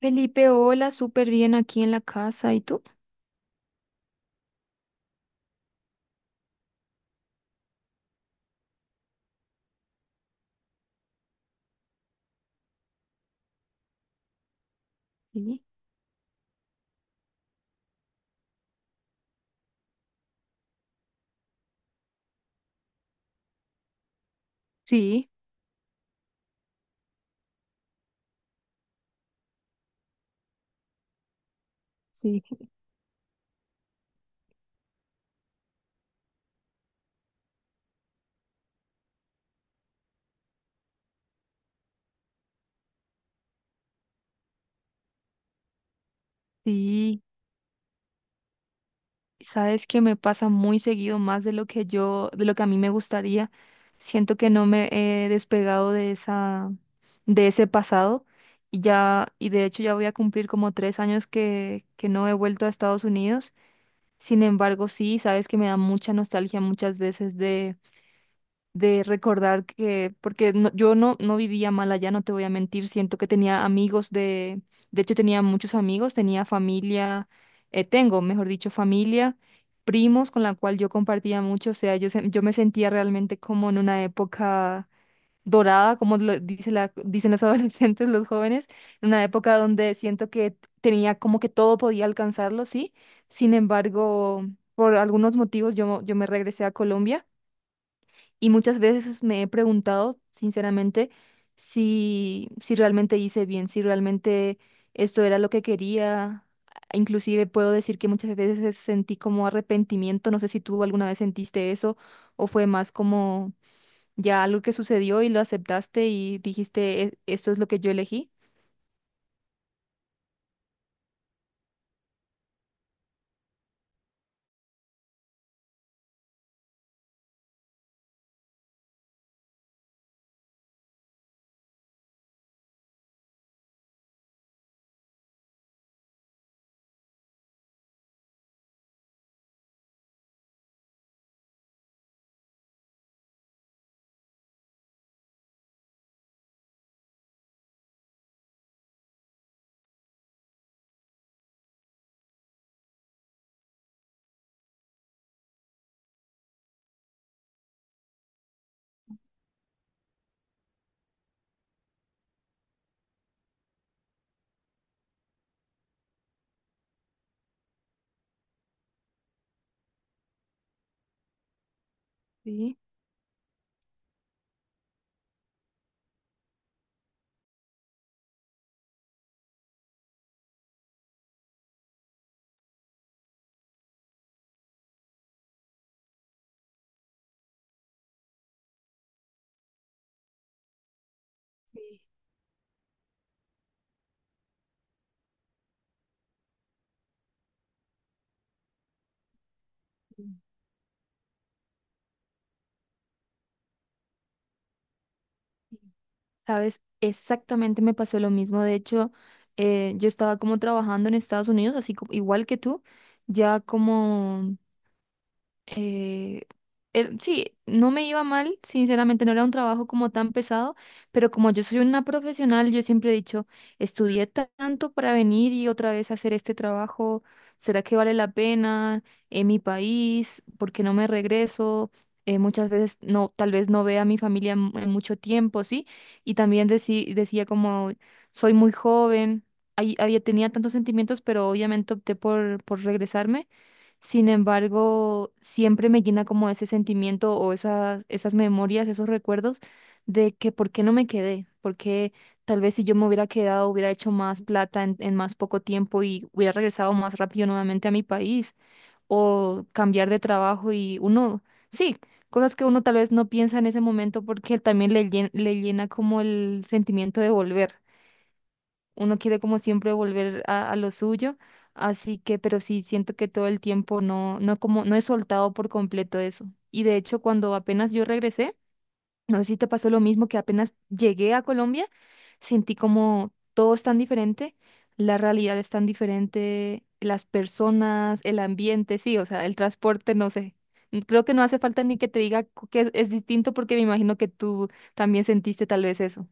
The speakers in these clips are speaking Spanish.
Felipe, hola, súper bien aquí en la casa. ¿Y tú? Sí, sí, sí, sí. Sabes que me pasa muy seguido más de lo que de lo que a mí me gustaría. Siento que no me he despegado de ese pasado. Y ya, y de hecho ya voy a cumplir como 3 años que no he vuelto a Estados Unidos. Sin embargo, sí, sabes que me da mucha nostalgia muchas veces de recordar porque yo no vivía mal allá, no te voy a mentir, siento que tenía amigos de hecho tenía muchos amigos, tenía familia, tengo, mejor dicho, familia, primos con la cual yo compartía mucho, o sea, yo me sentía realmente como en una época dorada, como lo dice dicen los adolescentes, los jóvenes, en una época donde siento que tenía como que todo podía alcanzarlo, ¿sí? Sin embargo, por algunos motivos yo me regresé a Colombia y muchas veces me he preguntado, sinceramente, si realmente hice bien, si realmente esto era lo que quería. Inclusive puedo decir que muchas veces sentí como arrepentimiento. No sé si tú alguna vez sentiste eso o fue más como ya algo que sucedió y lo aceptaste y dijiste, esto es lo que yo elegí. Sí. Sí, sí. Sabes, exactamente me pasó lo mismo. De hecho, yo estaba como trabajando en Estados Unidos, así como, igual que tú, ya como eh, sí, no me iba mal, sinceramente no era un trabajo como tan pesado, pero como yo soy una profesional, yo siempre he dicho, estudié tanto para venir y otra vez hacer este trabajo, ¿será que vale la pena en mi país? ¿Por qué no me regreso? Muchas veces no, tal vez no vea a mi familia en mucho tiempo, ¿sí? Y también decía como, soy muy joven, había, tenía tantos sentimientos, pero obviamente opté por regresarme. Sin embargo, siempre me llena como ese sentimiento o esas memorias, esos recuerdos de que por qué no me quedé, porque tal vez si yo me hubiera quedado hubiera hecho más plata en más poco tiempo y hubiera regresado más rápido nuevamente a mi país o cambiar de trabajo y uno, sí, cosas que uno tal vez no piensa en ese momento porque también le llena como el sentimiento de volver uno quiere como siempre volver a lo suyo, así que, pero sí siento que todo el tiempo no, no como, no he soltado por completo eso. Y de hecho, cuando apenas yo regresé, no sé si te pasó lo mismo, que apenas llegué a Colombia, sentí como todo es tan diferente, la realidad es tan diferente, las personas, el ambiente, sí, o sea, el transporte, no sé. Creo que no hace falta ni que te diga que es distinto porque me imagino que tú también sentiste tal vez eso.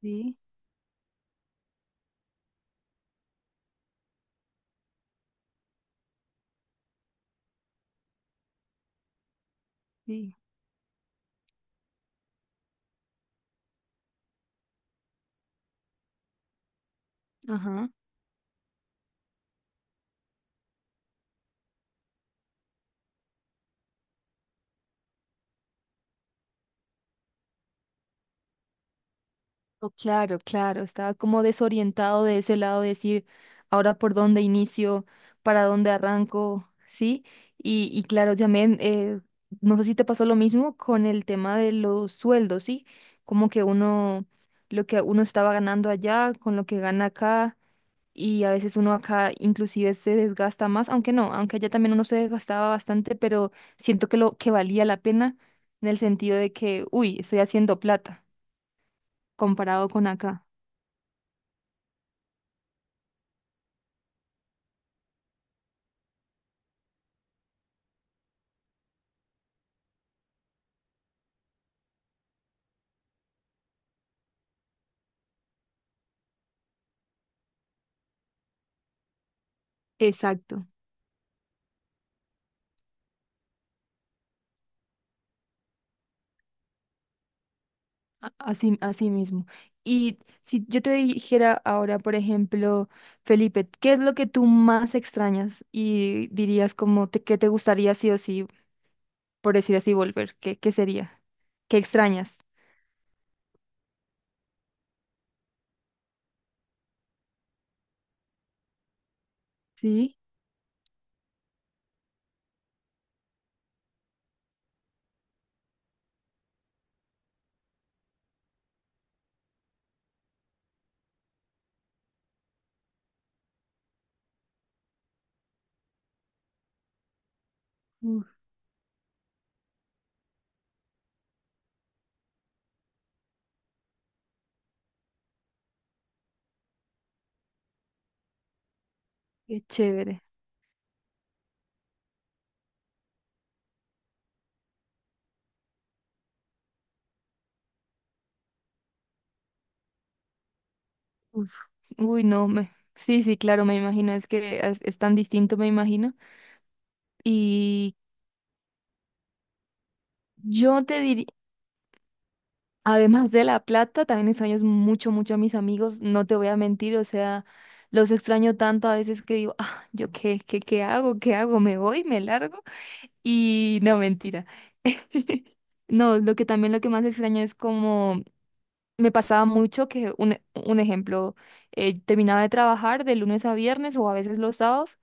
Sí, sí, ajá. Oh, claro, claro, estaba como desorientado de ese lado, de decir, ahora por dónde inicio, para dónde arranco, ¿sí? Y claro, también, no sé si te pasó lo mismo con el tema de los sueldos, ¿sí? Como que uno, lo que uno estaba ganando allá con lo que gana acá, y a veces uno acá inclusive se desgasta más, aunque no, aunque allá también uno se desgastaba bastante, pero siento que lo que valía la pena en el sentido de que, uy, estoy haciendo plata comparado con acá. Exacto, así, así mismo. Y si yo te dijera ahora, por ejemplo, Felipe, ¿qué es lo que tú más extrañas y dirías como que te gustaría sí o sí, por decir así, volver? ¿Qué sería? ¿Qué extrañas? Sí, uf, qué chévere. Uf. Uy, no, sí, sí, claro, me imagino, es que es tan distinto, me imagino. Y yo te diría. Además de la plata, también extraño mucho, mucho a mis amigos, no te voy a mentir, o sea, los extraño tanto a veces que digo, ah, ¿yo qué hago? ¿Qué hago? ¿Me voy? ¿Me largo? Y no, mentira. No, lo que también lo que más extraño es como me pasaba mucho que un ejemplo, terminaba de trabajar de lunes a viernes o a veces los sábados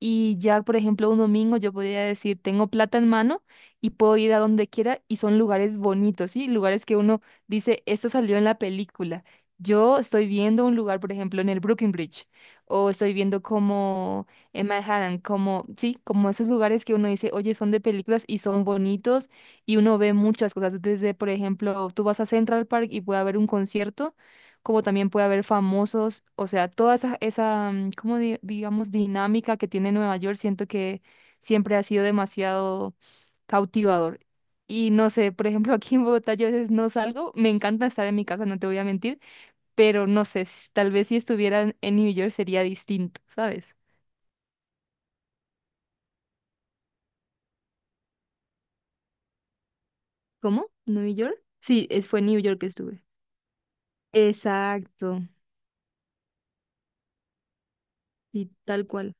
y ya, por ejemplo, un domingo yo podría decir, tengo plata en mano y puedo ir a donde quiera y son lugares bonitos, ¿sí? Lugares que uno dice, esto salió en la película. Yo estoy viendo un lugar, por ejemplo, en el Brooklyn Bridge o estoy viendo como en Manhattan, como, sí, como esos lugares que uno dice, oye, son de películas y son bonitos y uno ve muchas cosas. Desde, por ejemplo, tú vas a Central Park y puede haber un concierto como también puede haber famosos, o sea, toda esa, como digamos, dinámica que tiene Nueva York, siento que siempre ha sido demasiado cautivador. Y no sé, por ejemplo, aquí en Bogotá yo a veces no salgo, me encanta estar en mi casa, no te voy a mentir, pero no sé, tal vez si estuviera en New York sería distinto, ¿sabes? ¿Cómo? ¿New York? Sí, fue en New York que estuve. Exacto, y tal cual.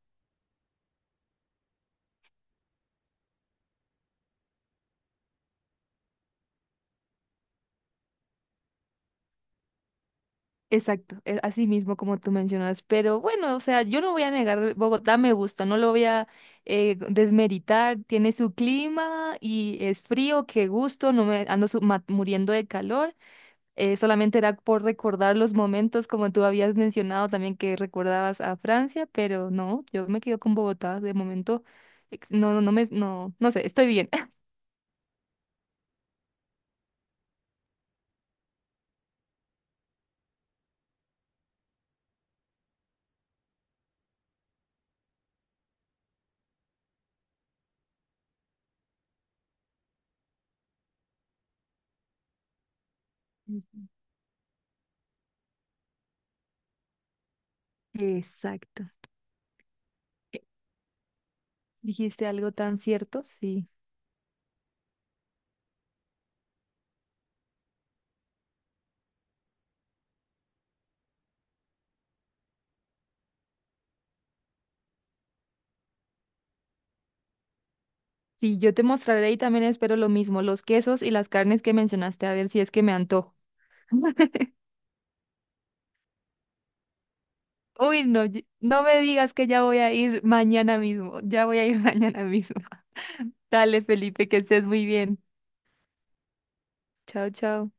Exacto, así mismo como tú mencionas, pero bueno, o sea, yo no voy a negar, Bogotá me gusta, no lo voy a desmeritar, tiene su clima y es frío, qué gusto, no me ando muriendo de calor, solamente era por recordar los momentos como tú habías mencionado también que recordabas a Francia, pero no, yo me quedo con Bogotá de momento, no, no, no me, no, no sé, estoy bien. Exacto. Eh, Dijiste algo tan cierto, sí. Sí, yo te mostraré y también espero lo mismo, los quesos y las carnes que mencionaste, a ver si es que me antojo. Uy, no, no me digas que ya voy a ir mañana mismo, ya voy a ir mañana mismo. Dale, Felipe, que estés muy bien. Chao, chao.